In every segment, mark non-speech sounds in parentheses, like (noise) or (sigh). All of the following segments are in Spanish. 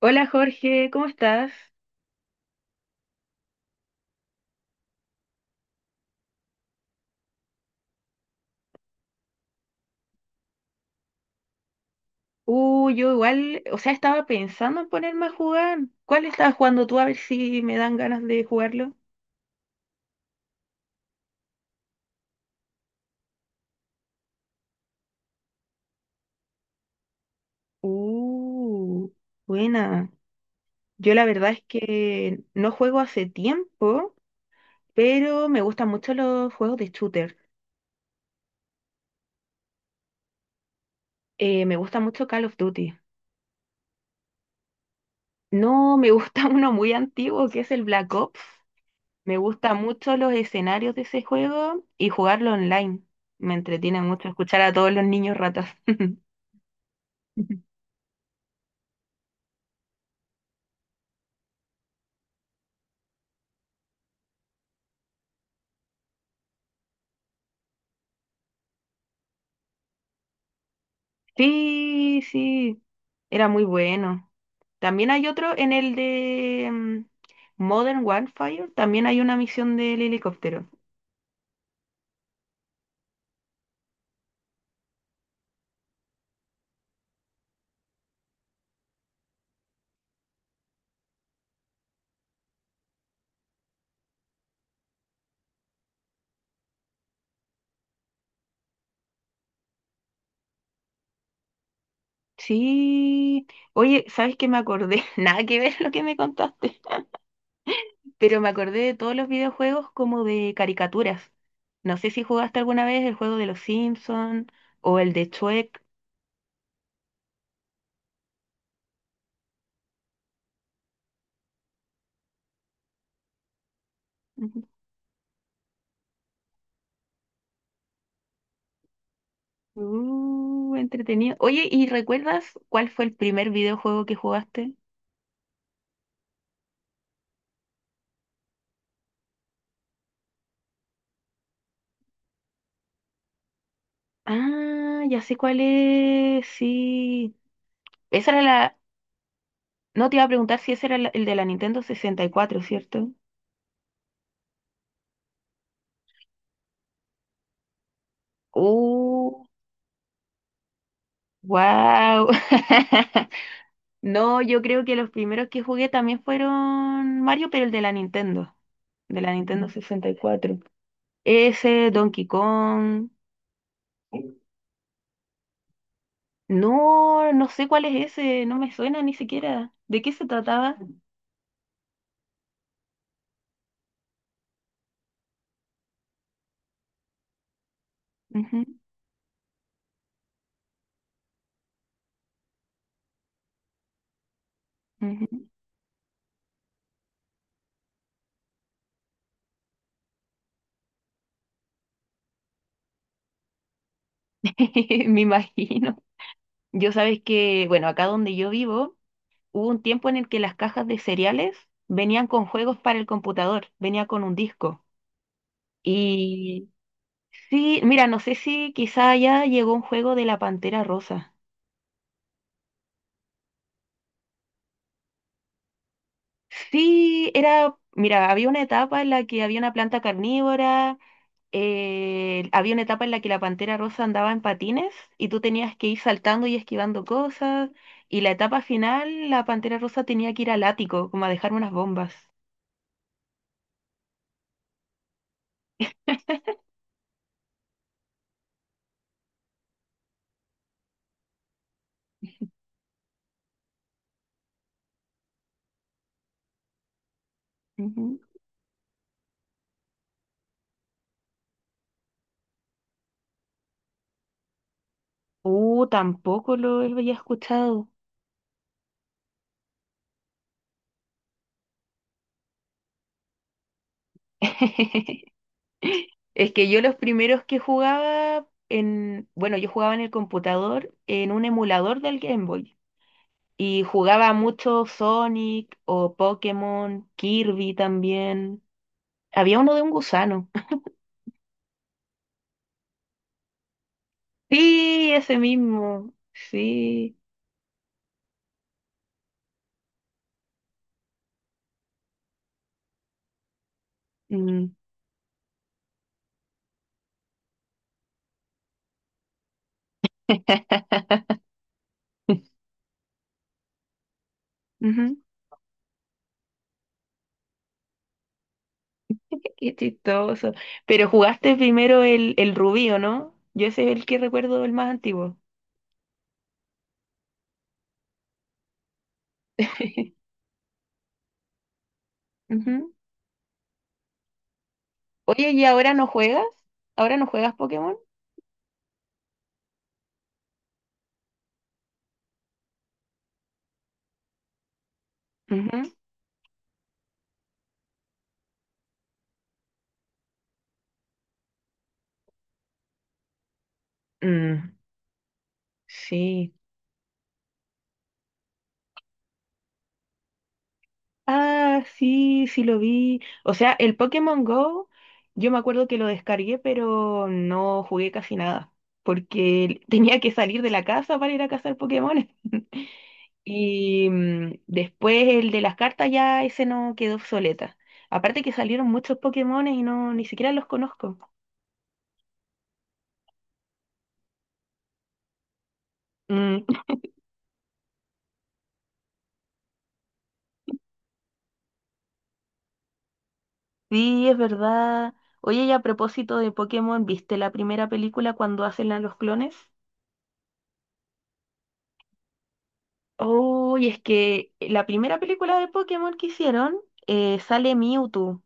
Hola Jorge, ¿cómo estás? Yo igual, o sea, estaba pensando en ponerme a jugar. ¿Cuál estabas jugando tú? A ver si me dan ganas de jugarlo. Uh, Buena. Yo la verdad es que no juego hace tiempo, pero me gustan mucho los juegos de shooter. Me gusta mucho Call of Duty. No, me gusta (laughs) uno muy antiguo que es el Black Ops. Me gustan mucho los escenarios de ese juego y jugarlo online. Me entretiene mucho escuchar a todos los niños ratas. (laughs) Sí, sí, era muy bueno. También hay otro en el de Modern Warfare, también hay una misión del helicóptero. Sí, oye, ¿sabes qué me acordé? (laughs) Nada que ver lo que me contaste, pero me acordé de todos los videojuegos como de caricaturas. No sé si jugaste alguna vez el juego de los Simpsons o el de Shrek. Ujú. Entretenido. Oye, ¿y recuerdas cuál fue el primer videojuego que jugaste? Ah, ya sé cuál es, sí. Esa era la... No te iba a preguntar si ese era el de la Nintendo 64, ¿cierto? Uh, wow. (laughs) No, yo creo que los primeros que jugué también fueron Mario, pero el de la Nintendo sesenta y cuatro. Ese, Donkey Kong. No, no sé cuál es ese, no me suena ni siquiera. ¿De qué se trataba? Ujú, ujú. (laughs) Me imagino. Yo sabes que, bueno, acá donde yo vivo, hubo un tiempo en el que las cajas de cereales venían con juegos para el computador, venía con un disco. Y sí, mira, no sé si quizá ya llegó un juego de la Pantera Rosa. Sí, era, mira, había una etapa en la que había una planta carnívora, había una etapa en la que la Pantera Rosa andaba en patines y tú tenías que ir saltando y esquivando cosas. Y la etapa final, la Pantera Rosa tenía que ir al ático, como a dejar unas bombas. Ujú. Tampoco lo había escuchado. (laughs) Es que yo los primeros que jugaba bueno, yo jugaba en el computador en un emulador del Game Boy y jugaba mucho Sonic o Pokémon, Kirby también. Había uno de un gusano. (laughs) Sí, ese mismo. Sí. Mm. (laughs) Ujú. Qué chistoso. Pero jugaste primero el Rubí, ¿o no? Yo ese es el que recuerdo el más antiguo. (laughs) Ujú. Oye, ¿y ahora no juegas? ¿Ahora no juegas Pokémon? Ujú. Mm, sí. Ah, sí, sí lo vi. O sea, el Pokémon Go, yo me acuerdo que lo descargué, pero no jugué casi nada, porque tenía que salir de la casa para ir a cazar Pokémon. (laughs) Y después el de las cartas ya ese no quedó obsoleta. Aparte que salieron muchos Pokémones y no ni siquiera los conozco. Mm. Sí, es verdad. Oye, y a propósito de Pokémon, ¿viste la primera película cuando hacen a los clones? Oh, y es que la primera película de Pokémon que hicieron sale Mewtwo.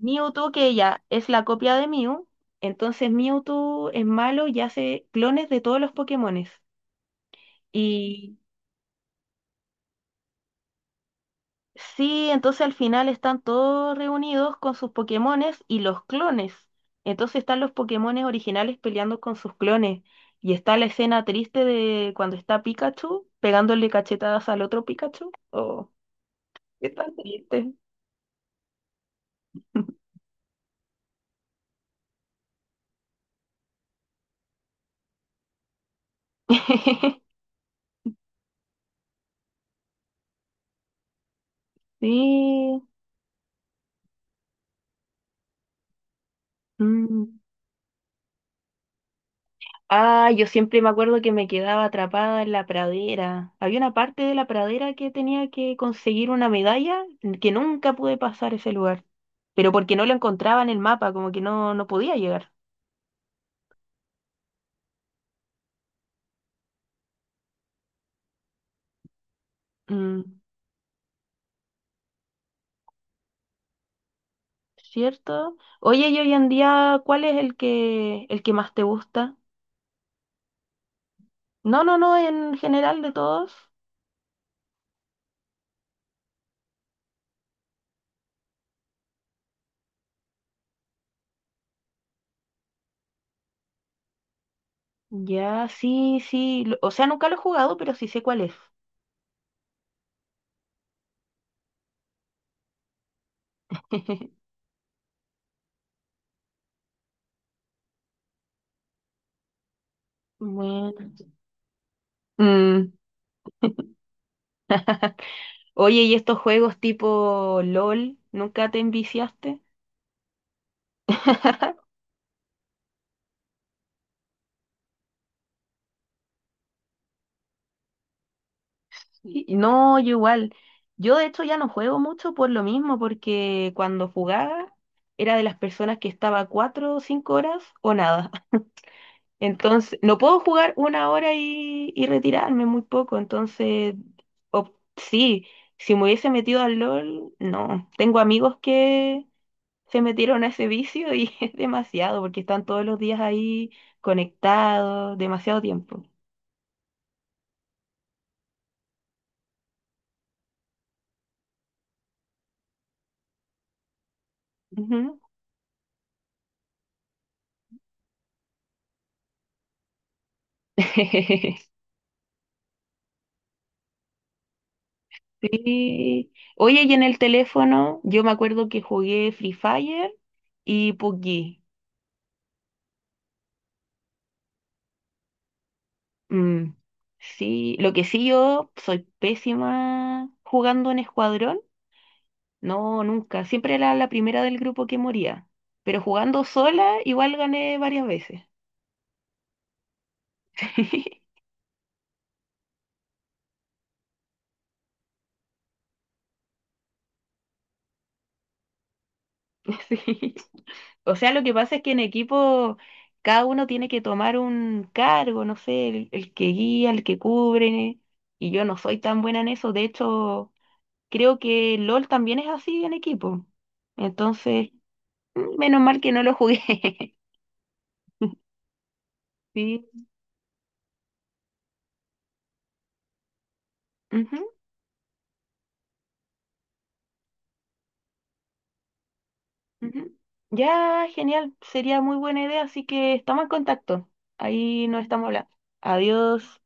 Mewtwo que ella es la copia de Mew, entonces Mewtwo es malo y hace clones de todos los Pokémones. Y sí, entonces al final están todos reunidos con sus Pokémones y los clones. Entonces están los Pokémones originales peleando con sus clones. Y está la escena triste de cuando está Pikachu pegándole cachetadas al otro Pikachu. Oh, qué tan triste. (laughs) Sí. Mm. Ah, yo siempre me acuerdo que me quedaba atrapada en la pradera. Había una parte de la pradera que tenía que conseguir una medalla que nunca pude pasar ese lugar, pero porque no lo encontraba en el mapa, como que no, no podía llegar. Mm, ¿Cierto? Oye, y hoy en día, ¿cuál es el que más te gusta? No, no, no, en general de todos. Ya, sí, sí. O sea, nunca lo he jugado, pero sí sé cuál es. (laughs) Bueno. Mm, Oye, ¿y estos juegos tipo LOL, nunca te enviciaste? (laughs) Sí. No, yo igual. Yo de hecho ya no juego mucho por lo mismo, porque cuando jugaba era de las personas que estaba 4 o 5 horas o nada. (laughs) Entonces, no puedo jugar una hora y retirarme muy poco. Entonces, sí, si me hubiese metido al LOL, no. Tengo amigos que, se metieron a ese vicio y (laughs) es demasiado, porque están todos los días ahí conectados, demasiado tiempo. Ujú. (laughs) Sí. Oye, y en el teléfono, yo me acuerdo que jugué Free Fire y PUBG. Mm, Sí, lo que sí yo soy pésima jugando en escuadrón. No, nunca. Siempre era la primera del grupo que moría. Pero jugando sola, igual gané varias veces. (laughs) Sí. O sea, lo que pasa es que en equipo cada uno tiene que tomar un cargo, no sé, el que guía, el que cubre, y yo no soy tan buena en eso. De hecho, creo que LOL también es así en equipo. Entonces, menos mal que no lo jugué. (laughs) Sí. Ujú, ujú. Ya, genial. Sería muy buena idea, así que estamos en contacto. Ahí nos estamos hablando. Adiós.